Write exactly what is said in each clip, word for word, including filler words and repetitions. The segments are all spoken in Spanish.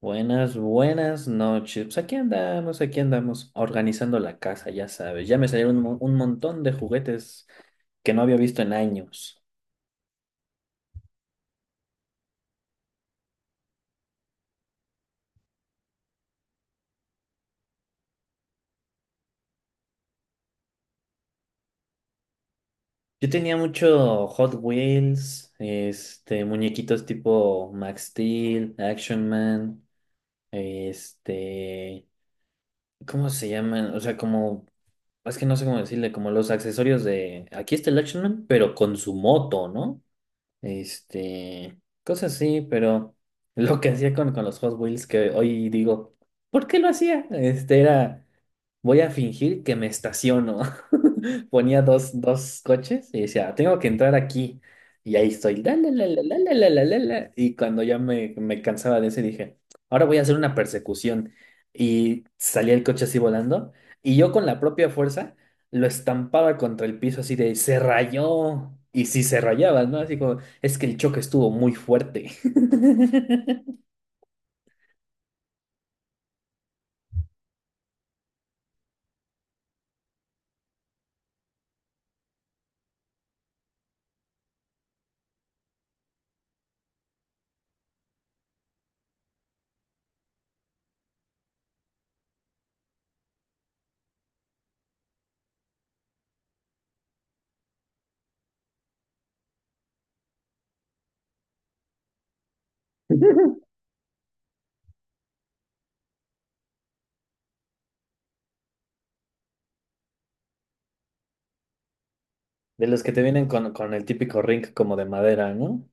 Buenas, buenas noches. Pues aquí andamos, aquí andamos, organizando la casa, ya sabes. Ya me salieron un, mo- un montón de juguetes que no había visto en años. Yo tenía mucho Hot Wheels, este, muñequitos tipo Max Steel, Action Man, este, ¿cómo se llaman? O sea, como, es que no sé cómo decirle, como los accesorios de, aquí está el Action Man, pero con su moto, ¿no? Este, cosas así, pero lo que hacía con, con los Hot Wheels, que hoy digo, ¿por qué lo hacía? Este era voy a fingir que me estaciono. Ponía dos, dos coches y decía, tengo que entrar aquí. Y ahí estoy, la, la, la, la, la, la, la, la, la, la. Y cuando ya me, me cansaba de ese, dije, ahora voy a hacer una persecución. Y salía el coche así volando. Y yo con la propia fuerza lo estampaba contra el piso así de, se rayó. Y si se rayaba, ¿no? Así como, es que el choque estuvo muy fuerte. De los que te vienen con, con el típico ring como de madera, ¿no?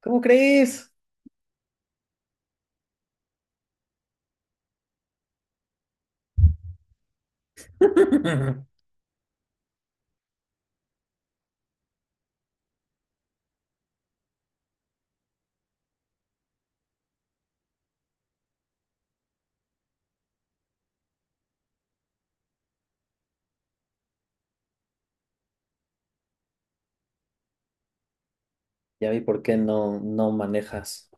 ¿Cómo crees? Ya vi por qué no, no manejas.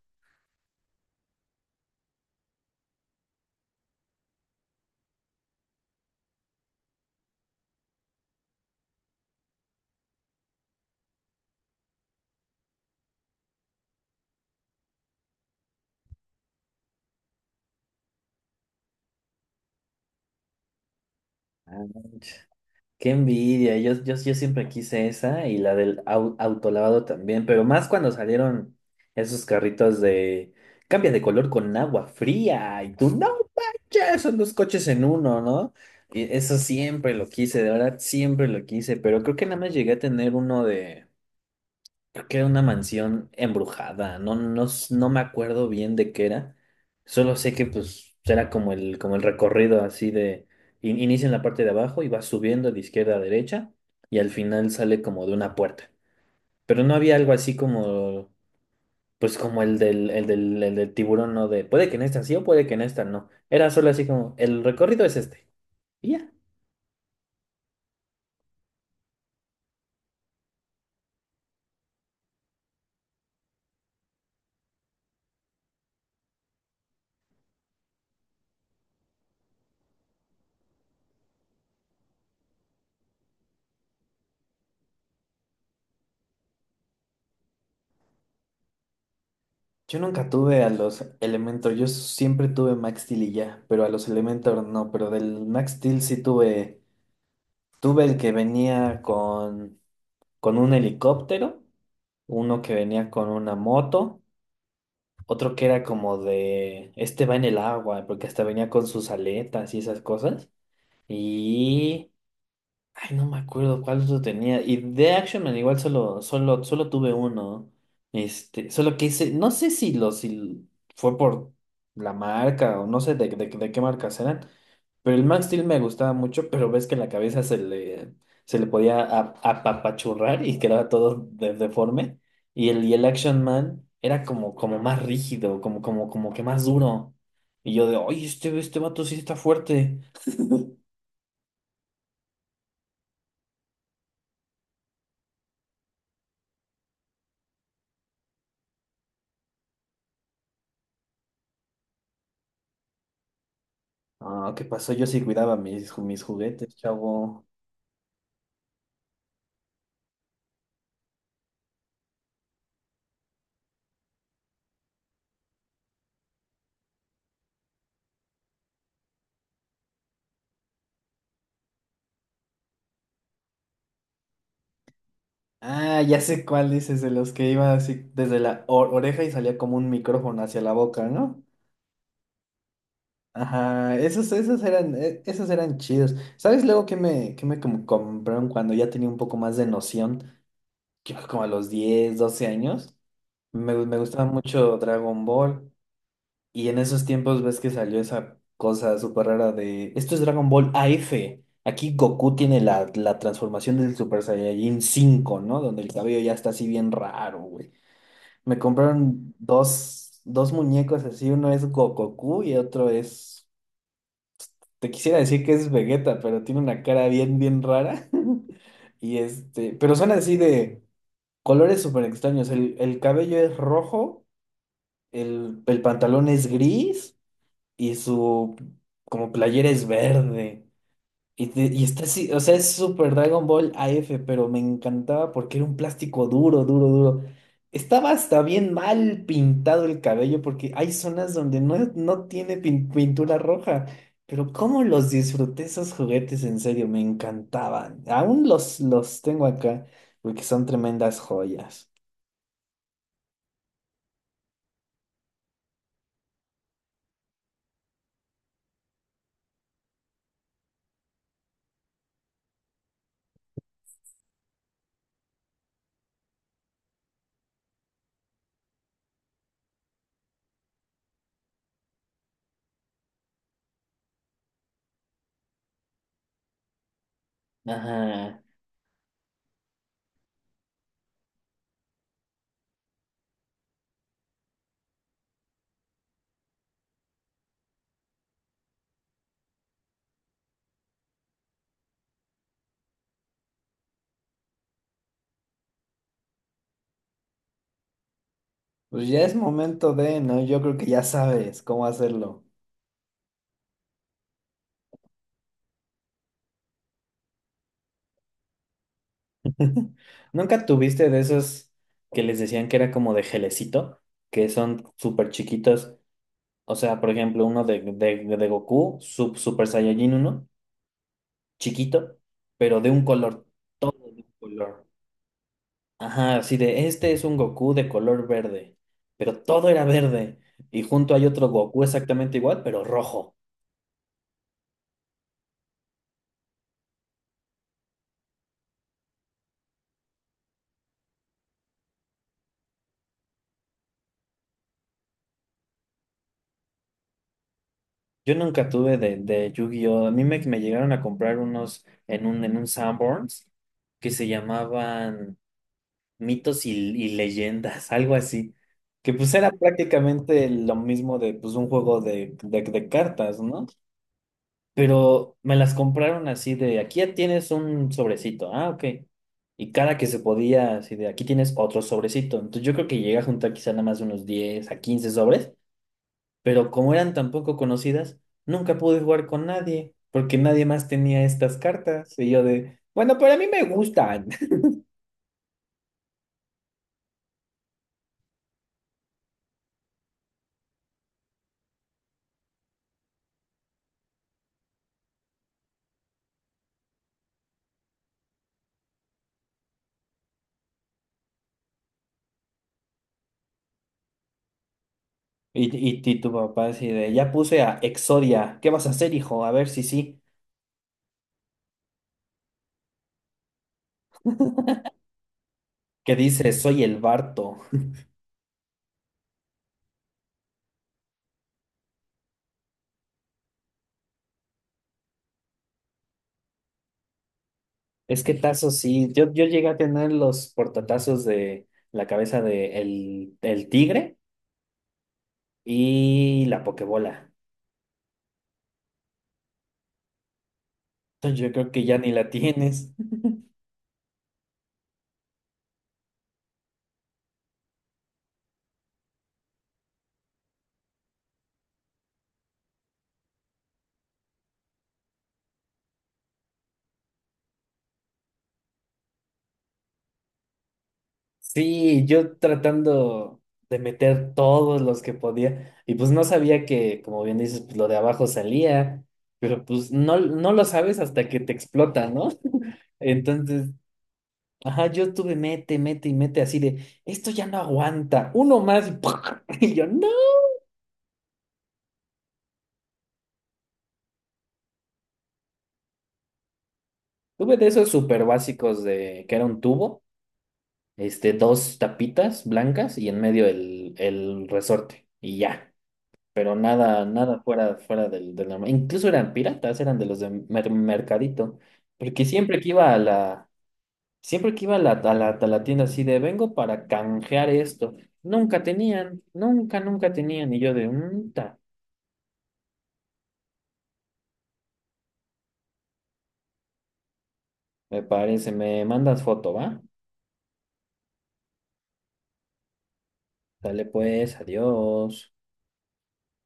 Ouch. Qué envidia. Yo, yo, yo siempre quise esa y la del au- autolavado también, pero más cuando salieron esos carritos de cambia de color con agua fría y tú, no manches, son dos coches en uno, ¿no? Y eso siempre lo quise, de verdad, siempre lo quise, pero creo que nada más llegué a tener uno de... Creo que era una mansión embrujada, no, no, s- no me acuerdo bien de qué era, solo sé que pues era como el, como el recorrido así de, in- inicia en la parte de abajo y va subiendo de izquierda a derecha y al final sale como de una puerta, pero no había algo así como, pues como el del, el del, el del tiburón, no de, puede que en esta sí o puede que en esta no, era solo así como, el recorrido es este, y ya. Yo nunca tuve a los Elementor, yo siempre tuve Max Steel y ya, pero a los Elementor no, pero del Max Steel sí tuve, tuve el que venía con, con un helicóptero, uno que venía con una moto, otro que era como de, este va en el agua, porque hasta venía con sus aletas y esas cosas. Ay, no me acuerdo cuál otro tenía. Y de Action Man igual solo, solo, solo tuve uno. Este, solo que ese, no sé si lo, si fue por la marca o no sé de, de, de qué marcas eran. Pero el Max Steel me gustaba mucho, pero ves que la cabeza se le, se le podía ap- apapachurrar y quedaba todo de- deforme. Y el, y el Action Man era como, como más rígido, como, como, como que más duro. Y yo de, oye, este, este vato sí está fuerte. Ah, ¿qué pasó? Yo sí cuidaba mis, ju- mis juguetes, chavo. Ah, ya sé cuál dices, de los que iba así desde la o- oreja y salía como un micrófono hacia la boca, ¿no? Ajá, esos, esos eran, e- esos eran chidos. ¿Sabes luego que me, que me como compraron cuando ya tenía un poco más de noción? Yo como a los diez doce años. Me, gu- me gustaba mucho Dragon Ball. Y en esos tiempos ves que salió esa cosa súper rara de, esto es Dragon Ball A F. Aquí Goku tiene la, la transformación del Super Saiyajin cinco, ¿no? Donde el cabello ya está así bien raro, güey. Me compraron dos, dos muñecos así, uno es Goku y otro es, te quisiera decir que es Vegeta, pero tiene una cara bien, bien rara. Y este, pero son así de colores súper extraños. El, el cabello es rojo, el, el pantalón es gris, y su como playera es verde. Y, te- y está así, o sea, es Super Dragon Ball A F, pero me encantaba porque era un plástico duro, duro, duro. Estaba hasta bien mal pintado el cabello porque hay zonas donde no, no tiene pin- pintura roja. Pero cómo los disfruté esos juguetes, en serio, me encantaban. Aún los, los tengo acá porque son tremendas joyas. Ajá. Pues ya es momento de, ¿no? Yo creo que ya sabes cómo hacerlo. ¿Nunca tuviste de esos que les decían que era como de gelecito? Que son súper chiquitos. O sea, por ejemplo, uno de, de, de Goku, sub, Super Saiyajin uno chiquito, pero de un color. Todo de un color. Ajá, así de este es un Goku de color verde, pero todo era verde. Y junto hay otro Goku exactamente igual, pero rojo. Yo nunca tuve de, de Yu-Gi-Oh! A mí me, me llegaron a comprar unos en un, en un Sanborns que se llamaban mitos y, y leyendas, algo así. Que pues era prácticamente lo mismo de pues un juego de, de, de cartas, ¿no? Pero me las compraron así de aquí ya tienes un sobrecito, ah, ok. Y cada que se podía, así de aquí tienes otro sobrecito. Entonces yo creo que llegué a juntar quizá nada más unos diez a quince sobres, pero como eran tan poco conocidas, nunca pude jugar con nadie, porque nadie más tenía estas cartas. Y yo de, bueno, pero a mí me gustan. Y, y, y tu papá así de, ya puse a Exodia, ¿qué vas a hacer, hijo? A ver si sí. Que dice, soy el Barto. Es que tazos sí, yo, yo llegué a tener los portatazos de la cabeza de el, el tigre y la pokebola. Entonces yo creo que ya ni la tienes. Sí, yo tratando de meter todos los que podía. Y pues no sabía que, como bien dices, pues lo de abajo salía, pero pues no, no lo sabes hasta que te explota, ¿no? Entonces ajá, yo estuve mete, mete y mete así de, esto ya no aguanta, uno más y, ¡pua! y yo, no. Tuve de esos súper básicos de que era un tubo, este, dos tapitas blancas y en medio el, el resorte y ya, pero nada, nada fuera, fuera del, del normal. Incluso eran piratas, eran de los de mer- mercadito, porque siempre que iba a la, siempre que iba a la, a la, a la tienda así de, vengo para canjear esto, nunca tenían, nunca, nunca tenían y yo de, un. Me parece, me mandas foto, ¿va? Dale pues, adiós.